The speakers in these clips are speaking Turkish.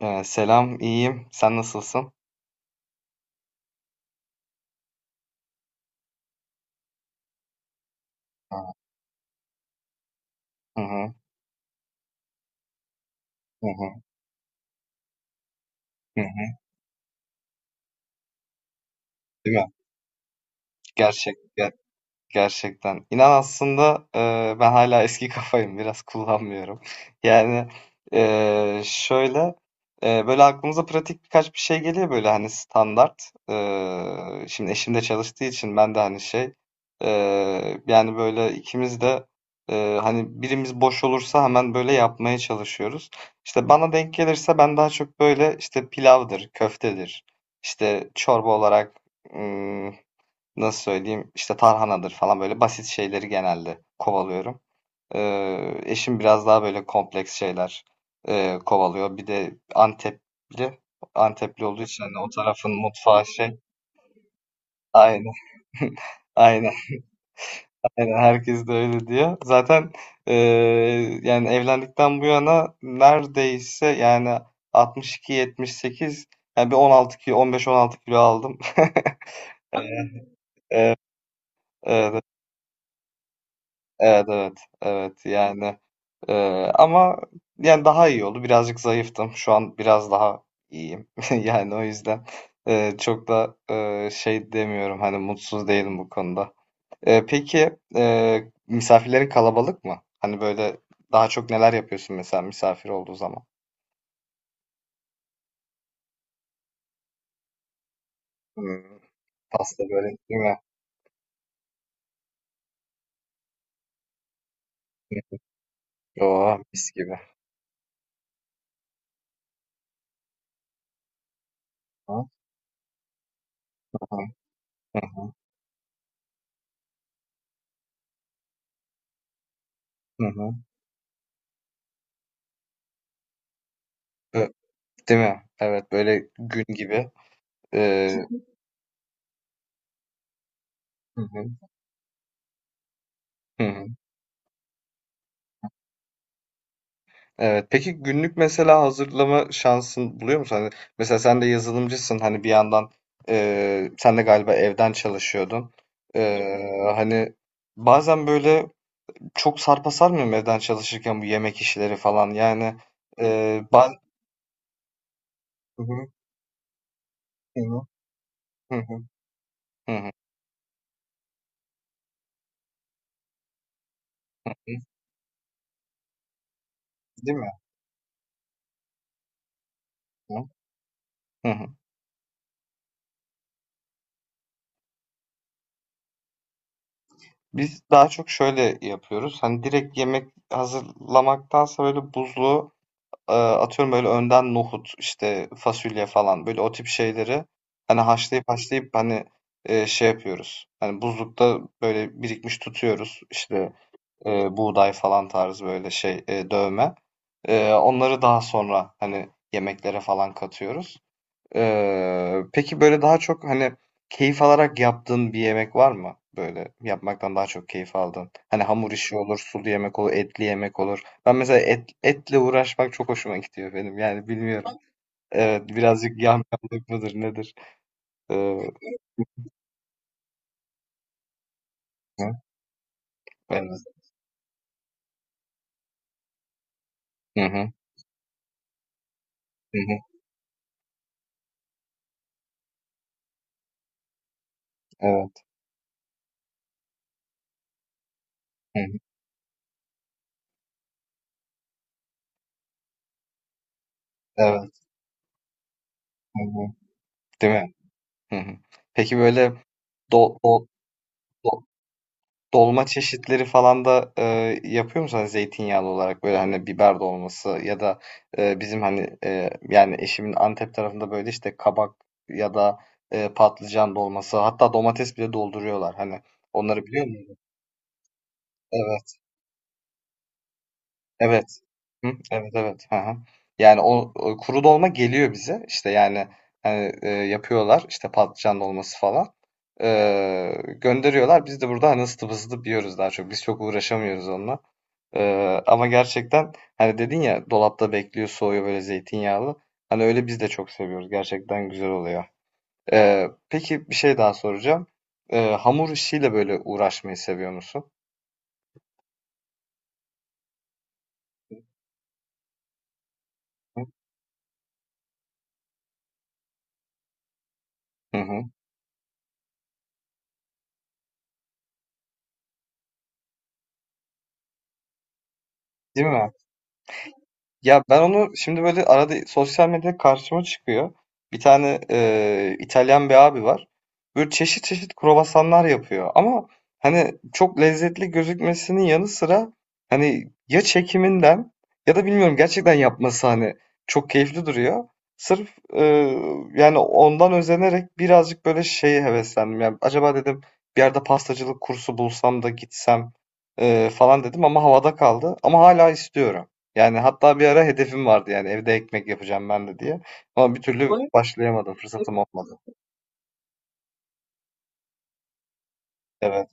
Selam, iyiyim. Sen nasılsın? Hı hı, hı hı, hı hı. Değil mi? Gerçek Gerçekten. İnan aslında, ben hala eski kafayım. Biraz kullanmıyorum. Yani, şöyle böyle aklımıza pratik birkaç bir şey geliyor, böyle hani standart. Şimdi eşim de çalıştığı için, ben de hani şey, yani böyle ikimiz de, hani birimiz boş olursa hemen böyle yapmaya çalışıyoruz. İşte bana denk gelirse, ben daha çok böyle işte pilavdır, köftedir, işte çorba olarak nasıl söyleyeyim, işte tarhanadır falan, böyle basit şeyleri genelde kovalıyorum. Eşim biraz daha böyle kompleks şeyler kovalıyor. Bir de Antepli olduğu için hani o tarafın mutfağı şey. Aynen, aynen, aynen. Herkes de öyle diyor. Zaten, e, yani evlendikten bu yana neredeyse, yani 62-78, yani bir 16 kilo, 15-16 kilo aldım. Evet, evet, evet, evet, evet. Yani, ama yani daha iyi oldu. Birazcık zayıftım. Şu an biraz daha iyiyim. Yani o yüzden çok da şey demiyorum. Hani mutsuz değilim bu konuda. Peki, misafirlerin kalabalık mı? Hani böyle daha çok neler yapıyorsun mesela misafir olduğu zaman? Hmm, pasta börek değil mi? Oo, mis gibi. Hı hı, hı hı. Bö- Değil mi? Evet, böyle gün gibi. Eee, hı hı, hı hı. Evet. Peki, günlük mesela hazırlama şansın buluyor musun? Hani mesela sen de yazılımcısın. Hani bir yandan, sen de galiba evden çalışıyordun. Hani bazen böyle çok sarpa sarmıyor mu evden çalışırken bu yemek işleri falan? Yani eee baz- Hı hı, hı hı, hı hı, hı hı. Değil mi? Hı hı, hı. Biz daha çok şöyle yapıyoruz. Hani direkt yemek hazırlamaktansa, böyle buzlu. Atıyorum, böyle önden nohut, işte fasulye falan, böyle o tip şeyleri hani haşlayıp haşlayıp hani, şey yapıyoruz. Hani buzlukta böyle birikmiş tutuyoruz. İşte, buğday falan tarzı böyle şey, dövme. Onları daha sonra hani yemeklere falan katıyoruz. Peki böyle daha çok hani keyif alarak yaptığın bir yemek var mı? Böyle yapmaktan daha çok keyif aldın. Hani hamur işi olur, sulu yemek olur, etli yemek olur. Ben mesela etle uğraşmak çok hoşuma gidiyor benim. Yani bilmiyorum. Evet, birazcık yamyamlık mıdır nedir? Eee, hı, evet. Hı hı, hı hı, evet. Hı hı, evet. Hı hı. Değil mi? Hı hı. Peki böyle do, do, do- dolma çeşitleri falan da, yapıyor musun? Hani zeytinyağlı olarak böyle, hani, biber dolması ya da, bizim, hani, yani eşimin Antep tarafında böyle, işte, kabak ya da, patlıcan dolması, hatta domates bile dolduruyorlar, hani. Onları biliyor muydun? Evet, evet. Hı, evet, evet. Hı hı. Yani o kuru dolma geliyor bize. İşte, yani, hani, yapıyorlar, işte, patlıcan dolması falan. Eee, Gönderiyorlar. Biz de burada, hani, ısıtıp ısıtıp yiyoruz daha çok. Biz çok uğraşamıyoruz onunla. Ama gerçekten hani dedin ya, dolapta bekliyor, soğuyor böyle zeytinyağlı. Hani öyle biz de çok seviyoruz. Gerçekten güzel oluyor. Peki, bir şey daha soracağım. Hamur işiyle böyle uğraşmayı seviyor musun? Hı hı. Değil mi? Ya ben onu şimdi böyle arada, sosyal medyada karşıma çıkıyor. Bir tane İtalyan bir abi var. Böyle çeşit çeşit kruvasanlar yapıyor. Ama hani çok lezzetli gözükmesinin yanı sıra, hani ya çekiminden, ya da bilmiyorum, gerçekten yapması hani çok keyifli duruyor. Sırf, yani ondan özenerek birazcık böyle şeye heveslendim. Yani acaba dedim, bir yerde pastacılık kursu bulsam da gitsem, falan dedim ama havada kaldı. Ama hala istiyorum. Yani hatta bir ara hedefim vardı, yani evde ekmek yapacağım ben de diye. Ama bir türlü öyle başlayamadım, fırsatım olmadı. Evet,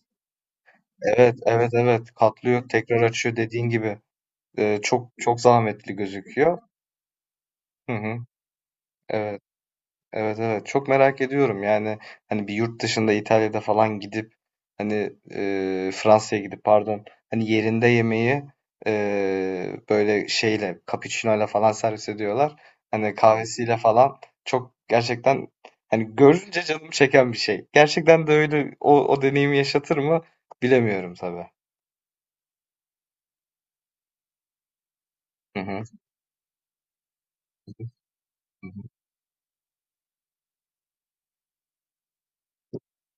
evet, evet, evet. Katlıyor, tekrar açıyor dediğin gibi. Çok çok zahmetli gözüküyor. Hı hı, evet. Evet, evet, çok merak ediyorum yani, hani bir yurt dışında, İtalya'da falan gidip, hani, Fransa'ya gidip pardon, hani yerinde yemeği, böyle şeyle, cappuccino'yla falan servis ediyorlar. Hani kahvesiyle falan, çok gerçekten hani görünce canım çeken bir şey. Gerçekten de öyle, o deneyimi yaşatır mı bilemiyorum tabii. Hı hı.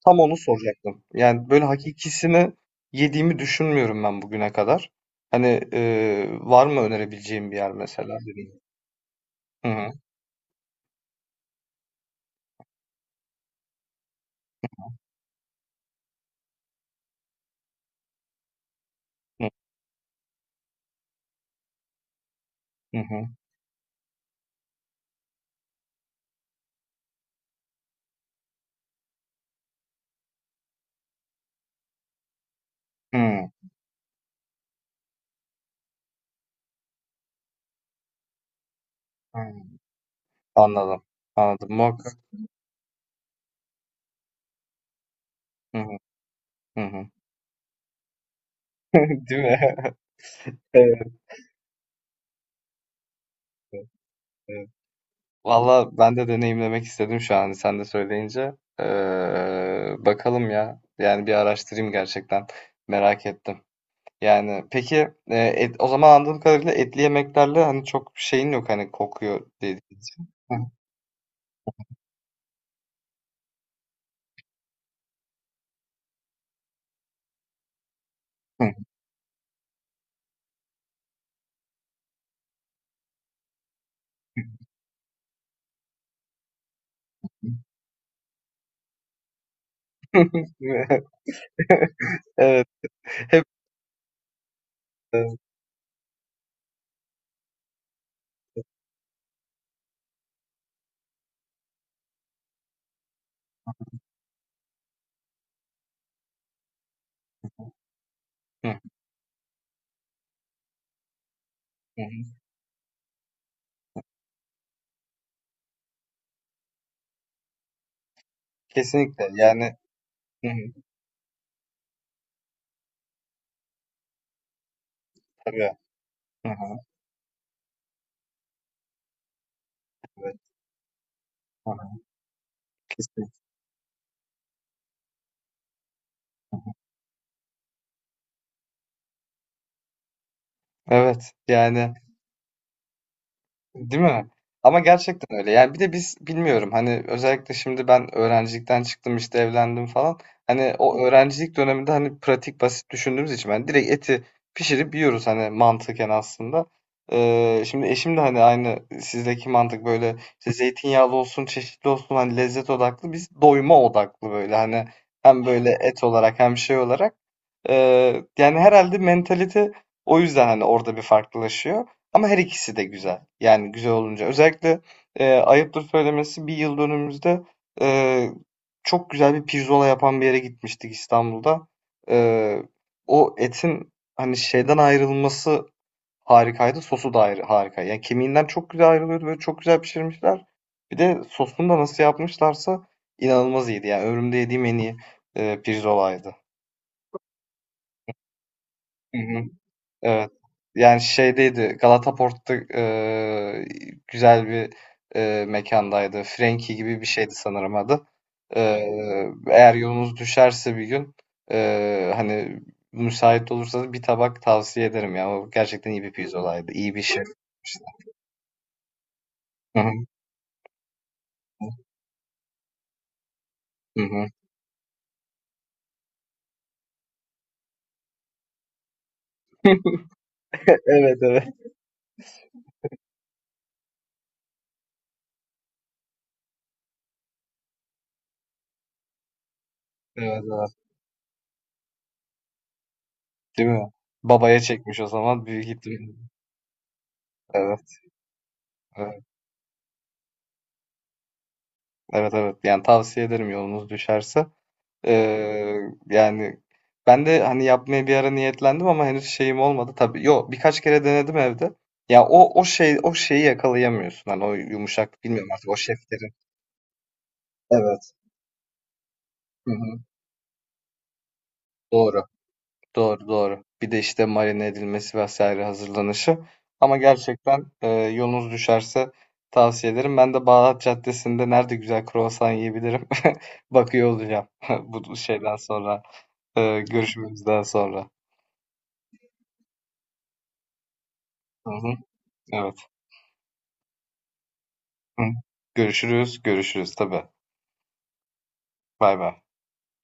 Tam onu soracaktım. Yani böyle hakikisini yediğimi düşünmüyorum ben bugüne kadar. Hani, var mı önerebileceğim bir yer mesela, dedim. Hı hı. Hı hı. Hı hı. Anladım. Anladım. Muhakkak. Hı hı. Hı hı. Değil mi? Evet, evet. Valla ben de deneyimlemek istedim şu an sen de söyleyince. Bakalım ya. Yani bir araştırayım gerçekten. Merak ettim. Yani peki, o zaman anladığım kadarıyla etli yemeklerle hani çok bir şeyin yok, hani kokuyor dedi. Evet. Hep Hı, hı, hı. Kesinlikle yani, hı, hı, tabii. Hı, hı, evet. Hı, hı, kesinlikle. Evet yani. Değil mi? Ama gerçekten öyle. Yani bir de biz bilmiyorum, hani özellikle şimdi ben öğrencilikten çıktım, işte evlendim falan. Hani o öğrencilik döneminde hani pratik basit düşündüğümüz için, ben direkt eti pişirip yiyoruz hani, mantıken aslında. Şimdi eşim de hani aynı sizdeki mantık, böyle işte zeytinyağlı olsun, çeşitli olsun, hani lezzet odaklı, biz doyuma odaklı, böyle hani hem böyle et olarak hem şey olarak. Yani herhalde mentalite o yüzden, hani, orada bir farklılaşıyor, ama her ikisi de güzel. Yani güzel olunca. Özellikle, ayıptır söylemesi, bir yıldönümümüzde, eee, çok güzel bir pirzola yapan bir yere gitmiştik İstanbul'da. Eee, O etin, hani, şeyden ayrılması harikaydı, sosu da ayrı harika. Yani kemiğinden çok güzel ayrılıyordu, böyle, çok güzel pişirmişler. Bir de sosunu da nasıl yapmışlarsa inanılmaz iyiydi. Yani ömrümde yediğim en iyi, pirzolaydı. Hı hı. Evet. Yani şeydeydi, Galataport'ta, güzel bir, mekândaydı. Frenki gibi bir şeydi sanırım adı. Eğer yolunuz düşerse bir gün, hani, müsait olursanız bir tabak tavsiye ederim ya. O gerçekten iyi bir pizzolaydı. İyi bir şey. Hı hı. Hı hı. Evet, evet. Evet, evet. Değil mi? Babaya çekmiş o zaman, büyük ihtimal. Evet, evet. Evet, evet. Yani tavsiye ederim yolunuz düşerse. Ee, Yani ben de hani yapmaya bir ara niyetlendim ama henüz şeyim olmadı. Tabii yok, birkaç kere denedim evde. Ya o şeyi yakalayamıyorsun. Hani o yumuşak, bilmiyorum artık o şeflerin. Evet. Hı hı. Doğru. Doğru, doğru. Bir de işte marine edilmesi vesaire, hazırlanışı. Ama gerçekten, yolunuz düşerse tavsiye ederim. Ben de Bağdat Caddesi'nde nerede güzel kruvasan yiyebilirim bakıyor olacağım bu şeyden sonra, görüşmemizden sonra. Hı hı. Evet. Hı. Görüşürüz, görüşürüz tabii. Bay bay.